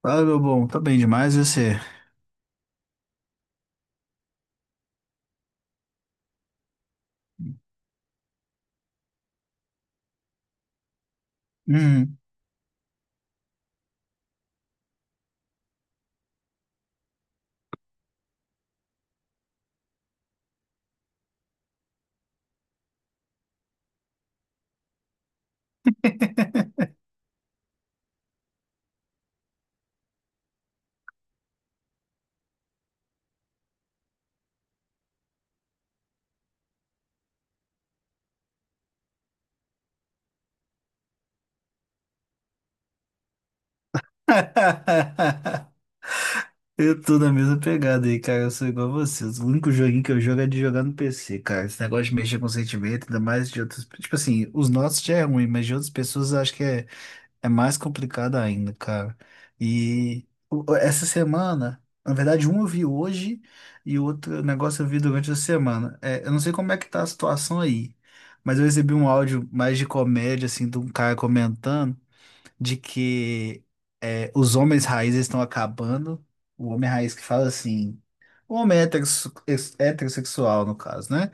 Fala, meu bom, tá bem demais e você? Hum. Eu tô na mesma pegada aí, cara. Eu sou igual a você. O único joguinho que eu jogo é de jogar no PC, cara. Esse negócio de mexer com sentimento, ainda mais de outras. Tipo assim, os nossos já é ruim, mas de outras pessoas eu acho que é mais complicado ainda, cara. Essa semana, na verdade, um eu vi hoje e o outro negócio eu vi durante a semana. É, eu não sei como é que tá a situação aí, mas eu recebi um áudio mais de comédia, assim, de um cara comentando, de que é, os homens raízes estão acabando. O homem raiz que fala assim, o heterossexual, no caso, né?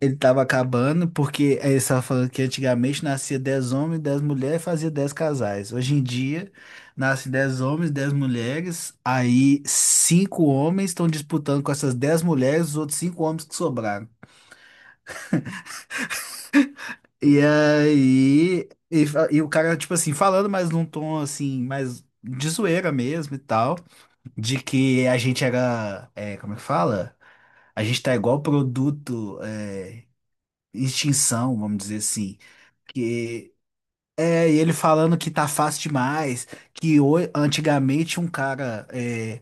Ele estava acabando porque ele estava falando que antigamente nascia 10 homens, 10 mulheres, fazia 10 casais. Hoje em dia, nasce 10 homens, 10 mulheres, aí cinco homens estão disputando com essas 10 mulheres, os outros cinco homens que sobraram. E aí, e o cara, tipo assim, falando mais num tom assim, mais de zoeira mesmo e tal, de que a gente era, é, como é que fala? A gente tá igual produto, é, em extinção, vamos dizer assim. Que é e ele falando que tá fácil demais, que antigamente um cara é,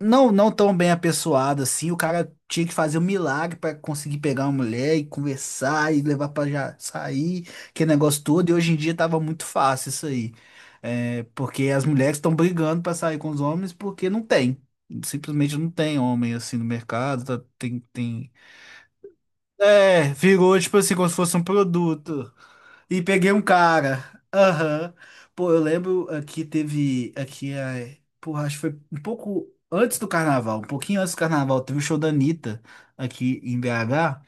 não tão bem apessoado assim. O cara tinha que fazer um milagre pra conseguir pegar uma mulher e conversar e levar pra já sair, que negócio todo. E hoje em dia tava muito fácil isso aí. É, porque as mulheres estão brigando pra sair com os homens porque não tem. Simplesmente não tem homem assim no mercado. Tem, tem... É, virou tipo assim, como se fosse um produto. E peguei um cara. Aham. Pô, eu lembro aqui teve. Aqui é. Porra, acho que foi um pouco antes do carnaval, um pouquinho antes do carnaval, teve o show da Anitta aqui em BH.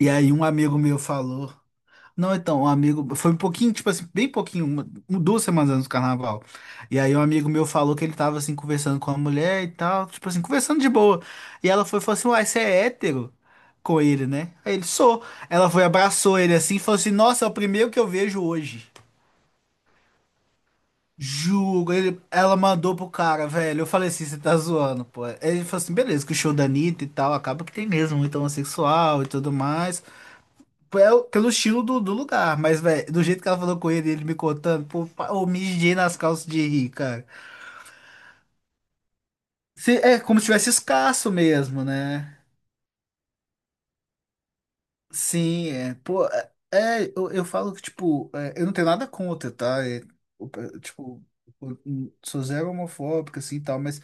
E aí um amigo meu falou. Não, então, um amigo. Foi um pouquinho, tipo assim, bem pouquinho, um, duas semanas antes do carnaval. E aí, um amigo meu falou que ele tava, assim, conversando com a mulher e tal, tipo assim, conversando de boa. E ela foi e falou assim: Uai, você é hétero? Com ele, né? Aí ele sou. Ela foi, abraçou ele assim e falou assim: Nossa, é o primeiro que eu vejo hoje. Juro. Ela mandou pro cara, velho. Eu falei assim: Você tá zoando, pô. Aí ele falou assim: Beleza, que o show da Anitta e tal, acaba que tem mesmo muito homossexual e tudo mais. Pelo estilo do lugar, mas, velho, do jeito que ela falou com ele, ele me contando, pô, eu mijei nas calças de rir, cara. É como se tivesse escasso mesmo, né? Sim, é, pô, é, é, eu falo que, tipo, é, eu não tenho nada contra, tá? É, é, tipo, eu sou zero homofóbica, assim, e tal, mas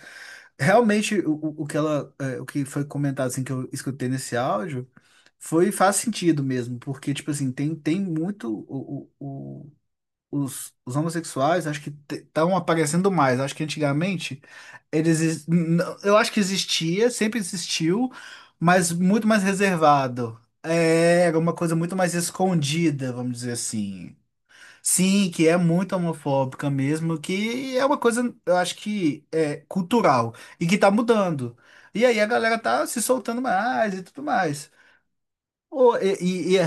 realmente o que ela, é, o que foi comentado, assim, que eu escutei nesse áudio, foi, faz sentido mesmo, porque, tipo assim, tem muito os homossexuais acho que estavam aparecendo mais. Acho que antigamente eu acho que existia, sempre existiu, mas muito mais reservado. É, era uma coisa muito mais escondida, vamos dizer assim. Sim, que é muito homofóbica mesmo, que é uma coisa, eu acho que é cultural e que tá mudando. E aí a galera tá se soltando mais e tudo mais. Ô, e é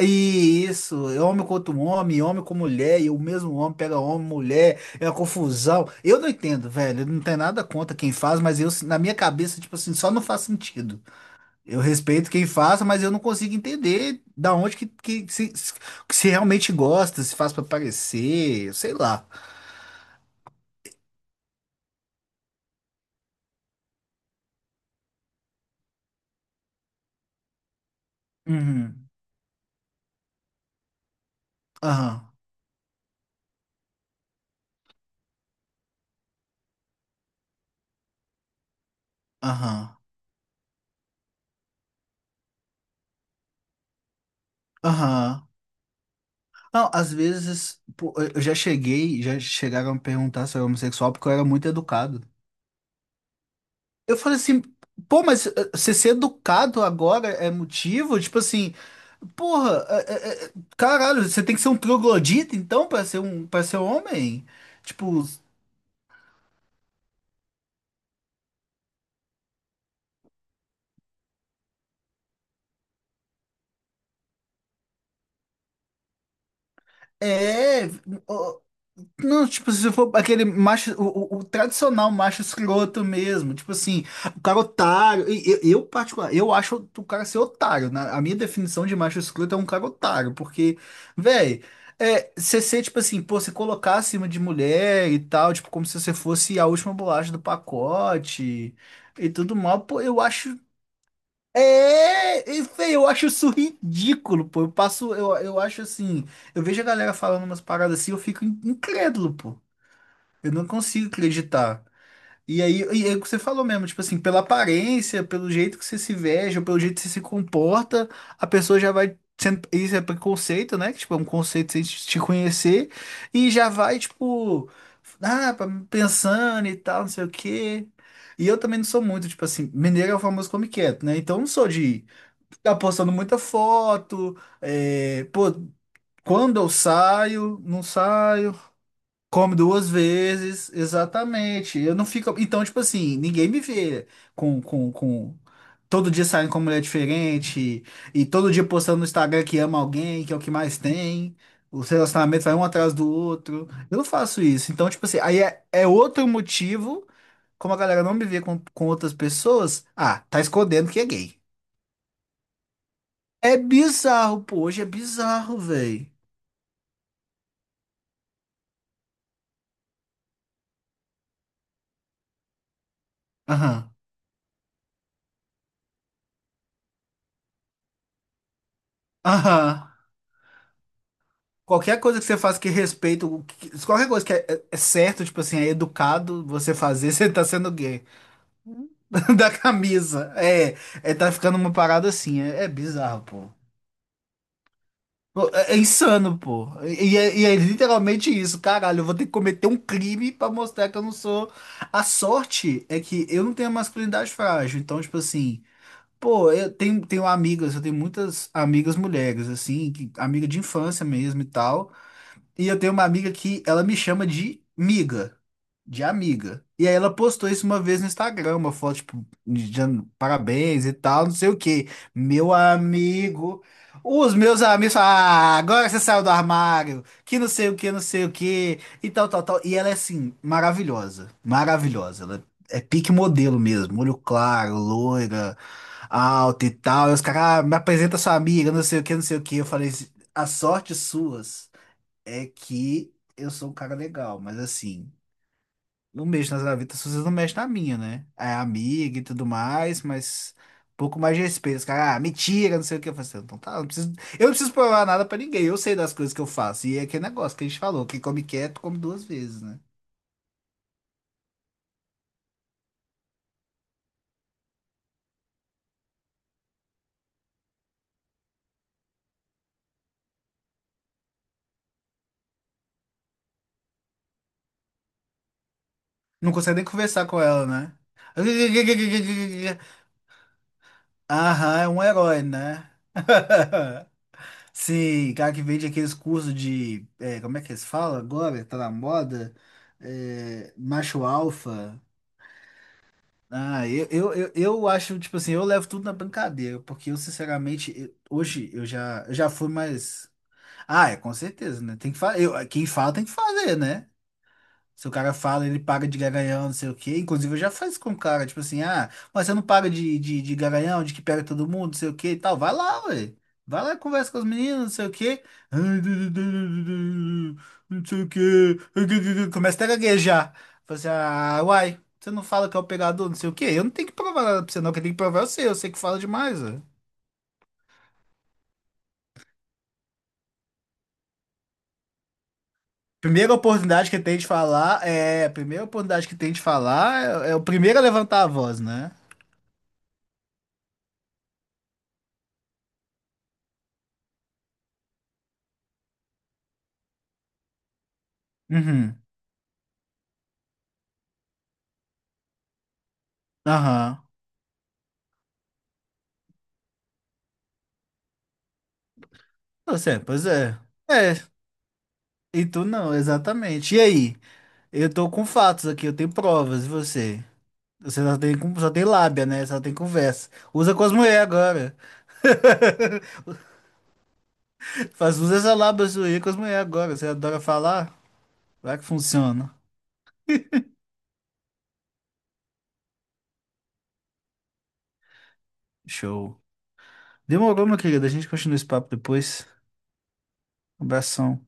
E isso, é homem contra um homem, homem com mulher, e o mesmo homem pega homem, mulher, é uma confusão. Eu não entendo, velho, eu não tenho nada contra quem faz, mas eu, na minha cabeça, tipo assim, só não faz sentido. Eu respeito quem faz, mas eu não consigo entender da onde que se realmente gosta, se faz pra parecer, sei lá. Uhum. Aham, aham, aham. Não, às vezes, pô, eu já cheguei, já chegaram a me perguntar se eu era homossexual porque eu era muito educado. Eu falei assim, pô, mas você ser educado agora é motivo? Tipo assim, porra, caralho, você tem que ser um troglodita então pra ser um para ser homem? Tipo, é, Não, tipo, se for aquele macho, o tradicional macho escroto mesmo, tipo assim, o cara otário, eu particular, eu acho o cara ser otário, né? A minha definição de macho escroto é um cara otário, porque, velho, é, você ser, tipo assim, pô, você colocar acima de mulher e tal, tipo, como se você fosse a última bolacha do pacote e tudo mal, pô, eu acho, é, e, véi, eu acho isso ridículo, pô, eu passo, eu acho assim, eu vejo a galera falando umas paradas assim, eu fico incrédulo, pô. Eu não consigo acreditar. E aí, e é o que você falou mesmo, tipo assim, pela aparência, pelo jeito que você se veste, ou pelo jeito que você se comporta, a pessoa já vai sendo. Isso é preconceito, né? Que, tipo, é um conceito sem te conhecer, e já vai, tipo, ah, pensando e tal, não sei o quê. E eu também não sou muito, tipo assim, mineiro é o famoso come quieto, né? Então eu não sou de ficar postando muita foto, é, pô, quando eu saio, não saio. Come duas vezes, exatamente. Eu não fico. Então, tipo assim, ninguém me vê com... todo dia saindo com uma mulher diferente e todo dia postando no Instagram que ama alguém, que é o que mais tem. Os relacionamentos vai um atrás do outro. Eu não faço isso. Então, tipo assim, aí é, é outro motivo, como a galera não me vê com outras pessoas, ah, tá escondendo que é gay. É bizarro, pô, hoje é bizarro, velho. Aham. Aham. Qualquer coisa que você faça que respeita, qualquer coisa que é, é certo, tipo assim, é educado você fazer, você tá sendo gay. Da camisa. É, é, tá ficando uma parada assim. É, é bizarro, pô. Pô, é, é insano, pô. E é literalmente isso. Caralho, eu vou ter que cometer um crime pra mostrar que eu não sou. A sorte é que eu não tenho a masculinidade frágil. Então, tipo assim. Pô, tenho amigas, eu tenho muitas amigas mulheres, assim, amiga de infância mesmo e tal. E eu tenho uma amiga que ela me chama de miga, de amiga. E aí ela postou isso uma vez no Instagram, uma foto, tipo, dizendo parabéns e tal, não sei o quê. Meu amigo. Os meus amigos falam, ah, agora você saiu do armário, que não sei o que, não sei o que, e tal, tal, tal. E ela é assim, maravilhosa, maravilhosa. Ela é pique modelo mesmo, olho claro, loira, alta e tal. E os caras, ah, me apresenta sua amiga, não sei o que, não sei o que. Eu falei, assim, a sorte suas é que eu sou um cara legal, mas assim, não mexo nas gavetas, vocês não mexem na minha, né? É amiga e tudo mais, mas um pouco mais de respeito. Os caras, ah, mentira, não sei o que. Eu falei assim, "Ah, então tá, eu não preciso provar nada pra ninguém, eu sei das coisas que eu faço. E é aquele negócio que a gente falou, quem come quieto, come duas vezes, né? Não consegue nem conversar com ela, né? Aham, é um herói, né? Sim, cara que vende aqueles cursos de, é, como é que eles falam agora? Tá na moda? É, macho alfa. Ah, eu acho, tipo assim, eu levo tudo na brincadeira, porque eu, sinceramente, eu já fui mais. Ah, é, com certeza, né? Tem que fazer. Quem fala tem que fazer, né? Se o cara fala, ele paga de garanhão, não sei o quê. Inclusive, eu já faço com o cara, tipo assim, ah, mas você não paga de garanhão, de que pega todo mundo, não sei o quê e tal. Vai lá, ué. Vai lá, e conversa com os meninos, não sei o quê. Não sei o quê. Começa até a gaguejar. Fala assim, ah, uai, você não fala que é o pegador, não sei o quê. Eu não tenho que provar nada pra você, não. Quem tem que provar é você. Eu sei que fala demais, ué. Primeira oportunidade que tem de falar é, é o primeiro a levantar a voz, né? Uhum. Aham. Você, pois é. É, e tu não, exatamente. E aí? Eu tô com fatos aqui, eu tenho provas, e você? Só tem lábia, né? Só tem conversa. Usa com as mulheres agora. Faz, usa essa lábia sua aí com as mulheres agora. Você adora falar? Vai que funciona. Show. Demorou, meu querido. A gente continua esse papo depois. Abração.